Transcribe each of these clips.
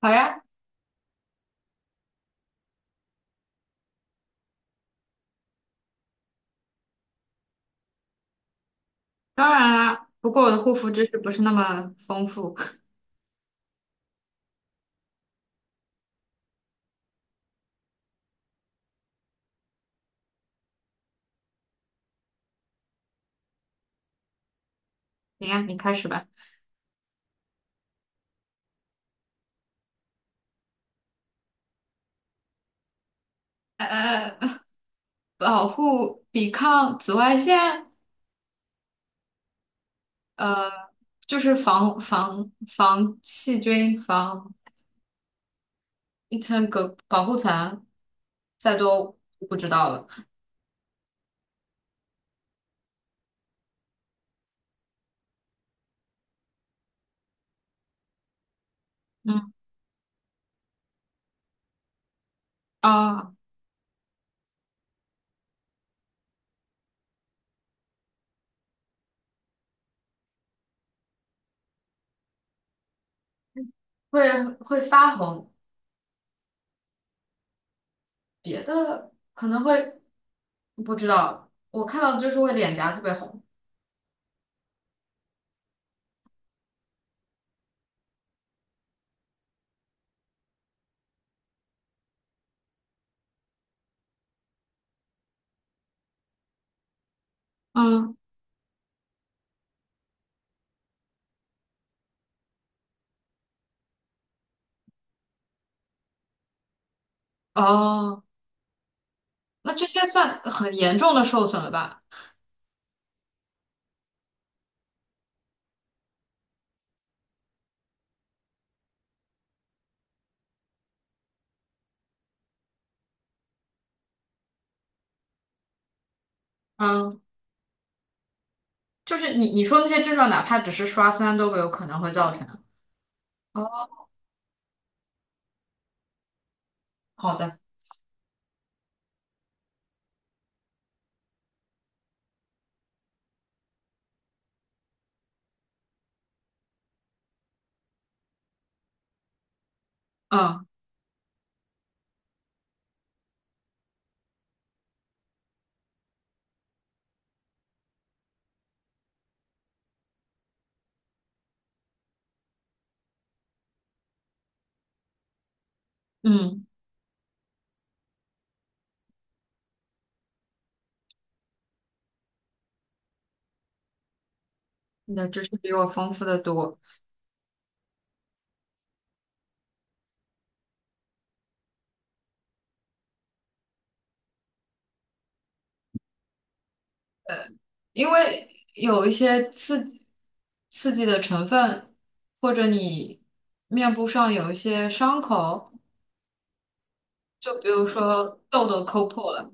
好呀，当然啦。不过我的护肤知识不是那么丰富。行呀，你开始吧。呃，呃呃保护、抵抗紫外线，呃，就是防防细菌、防一层隔保护层，再多我不知道了。嗯啊，会发红，别的可能会不知道。我看到的就是会脸颊特别红。嗯，哦，那这些算很严重的受损了吧？嗯，就是你说那些症状，哪怕只是刷酸都有可能会造成哦，好的，嗯嗯你的知识比我丰富的多，因为有一些刺激的成分，或者你面部上有一些伤口，就比如说痘痘抠破了，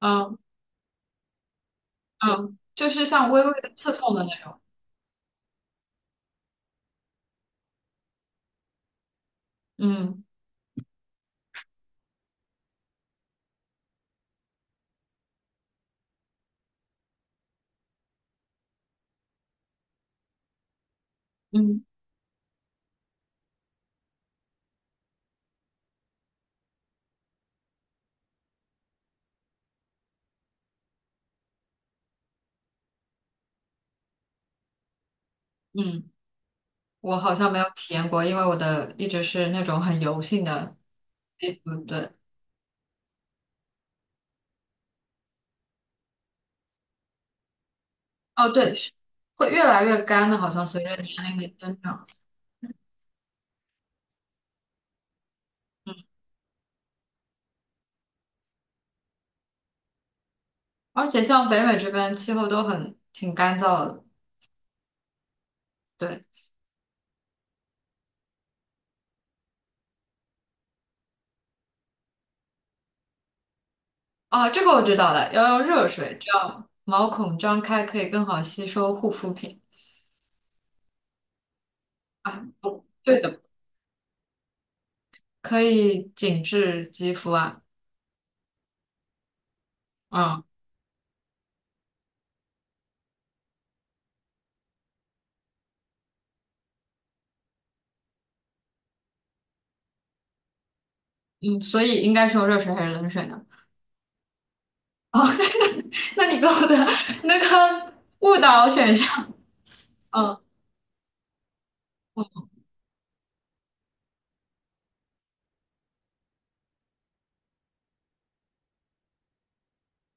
嗯嗯就是像微微的刺痛的那种。嗯嗯嗯，我好像没有体验过，因为我的一直是那种很油性的皮肤，对。哦，对，是会越来越干的，好像随着年龄的增长。嗯，而且像北美这边气候都很挺干燥的。对，哦，这个我知道了，要用热水，这样毛孔张开可以更好吸收护肤品啊。哦，对的，可以紧致肌肤啊。嗯嗯，所以应该是用热水还是冷水呢？哦，那你给我的那个误导选项，嗯，嗯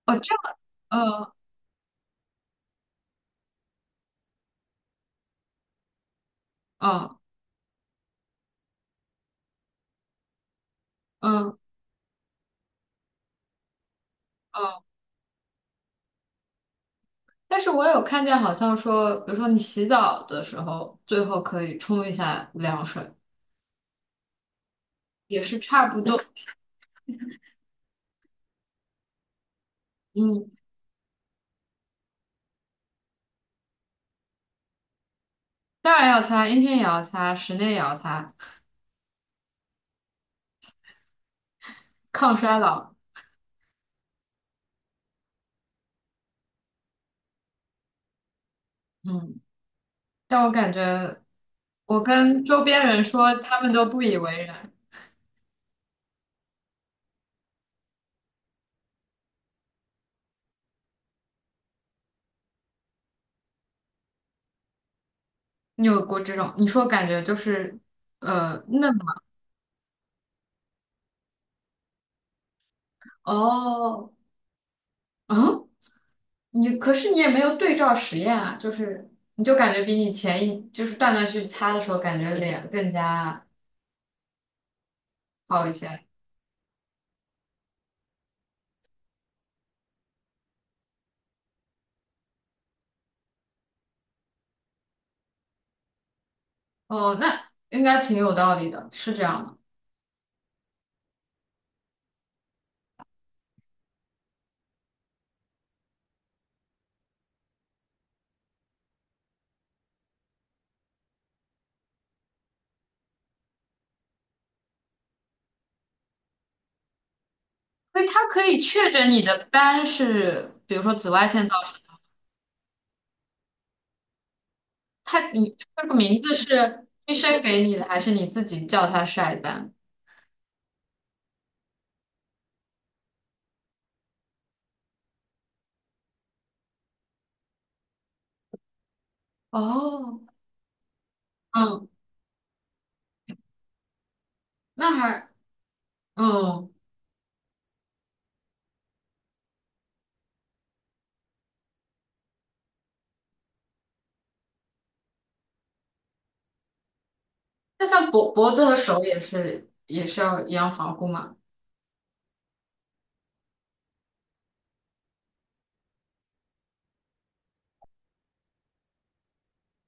哦，这，嗯嗯嗯嗯。但是我有看见，好像说，比如说你洗澡的时候，最后可以冲一下凉水，也是差不多。嗯，当然要擦，阴天也要擦，室内也要擦，抗衰老。嗯，但我感觉，我跟周边人说，他们都不以为然。你有过这种？你说感觉就是，嫩嘛？哦，嗯，你可是你也没有对照实验啊，就是你就感觉比你前一就是断断续续擦的时候，感觉脸更加好一些。哦，那应该挺有道理的，是这样的。所以它可以确诊你的斑是，比如说紫外线造成的。它你这个名字是医生给你的，还是你自己叫它晒斑？哦，嗯，那还嗯，那像脖子和手也是要一样防护嘛？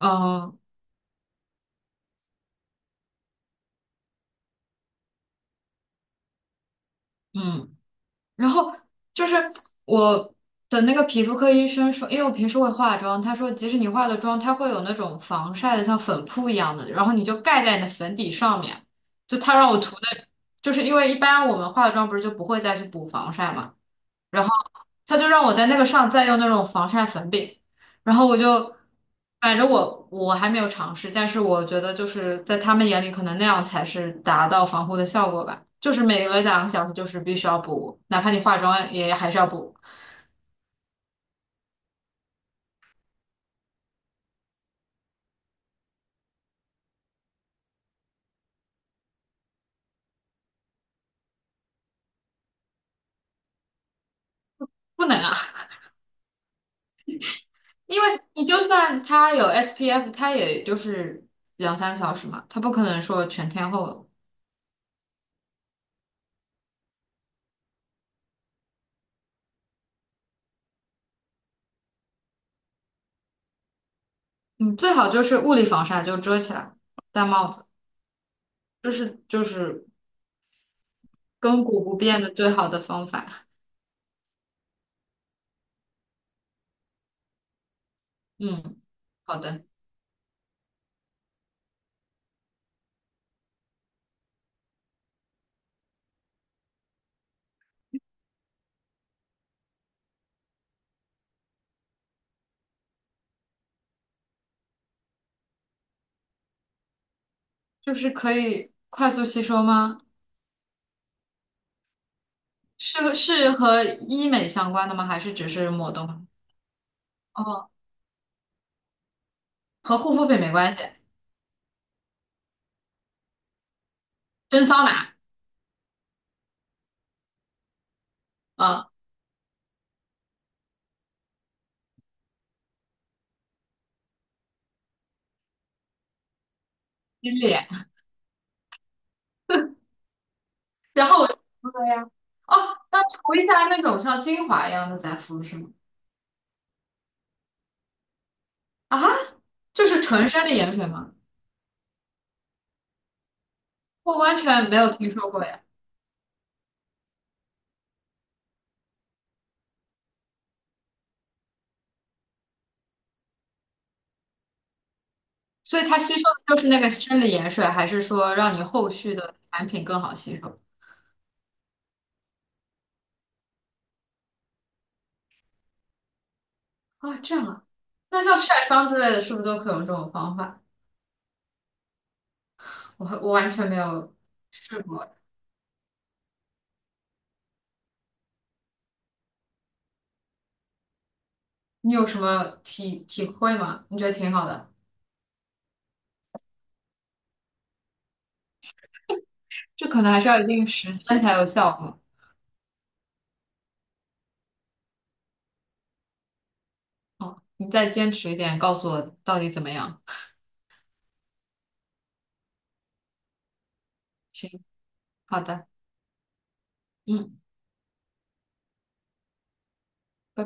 嗯嗯。然后就是我的那个皮肤科医生说，因为我平时会化妆，他说即使你化了妆，它会有那种防晒的，像粉扑一样的，然后你就盖在你的粉底上面。就他让我涂的，就是因为一般我们化了妆不是就不会再去补防晒嘛，然后他就让我在那个上再用那种防晒粉饼，然后我就，反正我还没有尝试，但是我觉得就是在他们眼里，可能那样才是达到防护的效果吧。就是每隔两个小时就是必须要补，哪怕你化妆也还是要补，不能啊，因为你就算它有 SPF，它也就是两三个小时嘛，它不可能说全天候的。嗯，最好就是物理防晒，就遮起来，戴帽子，这是就是亘古不变的最好的方法。嗯，好的，就是可以快速吸收吗？是是和医美相关的吗？还是只是抹动？哦，和护肤品没关系，蒸桑拿，啊，洗脸，然后我就敷了呀。哦，那涂一下那种像精华一样的再敷是吗？啊，就是纯生理盐水吗？我完全没有听说过呀。所以它吸收的就是那个生理盐水，还是说让你后续的产品更好吸收？啊，这样啊。那像晒伤之类的，是不是都可以用这种方法？我我完全没有试过，你有什么体会吗？你觉得挺好的，这可能还是要一定时间才有效果。哦，你再坚持一点，告诉我到底怎么样。行，好的，嗯。拜拜。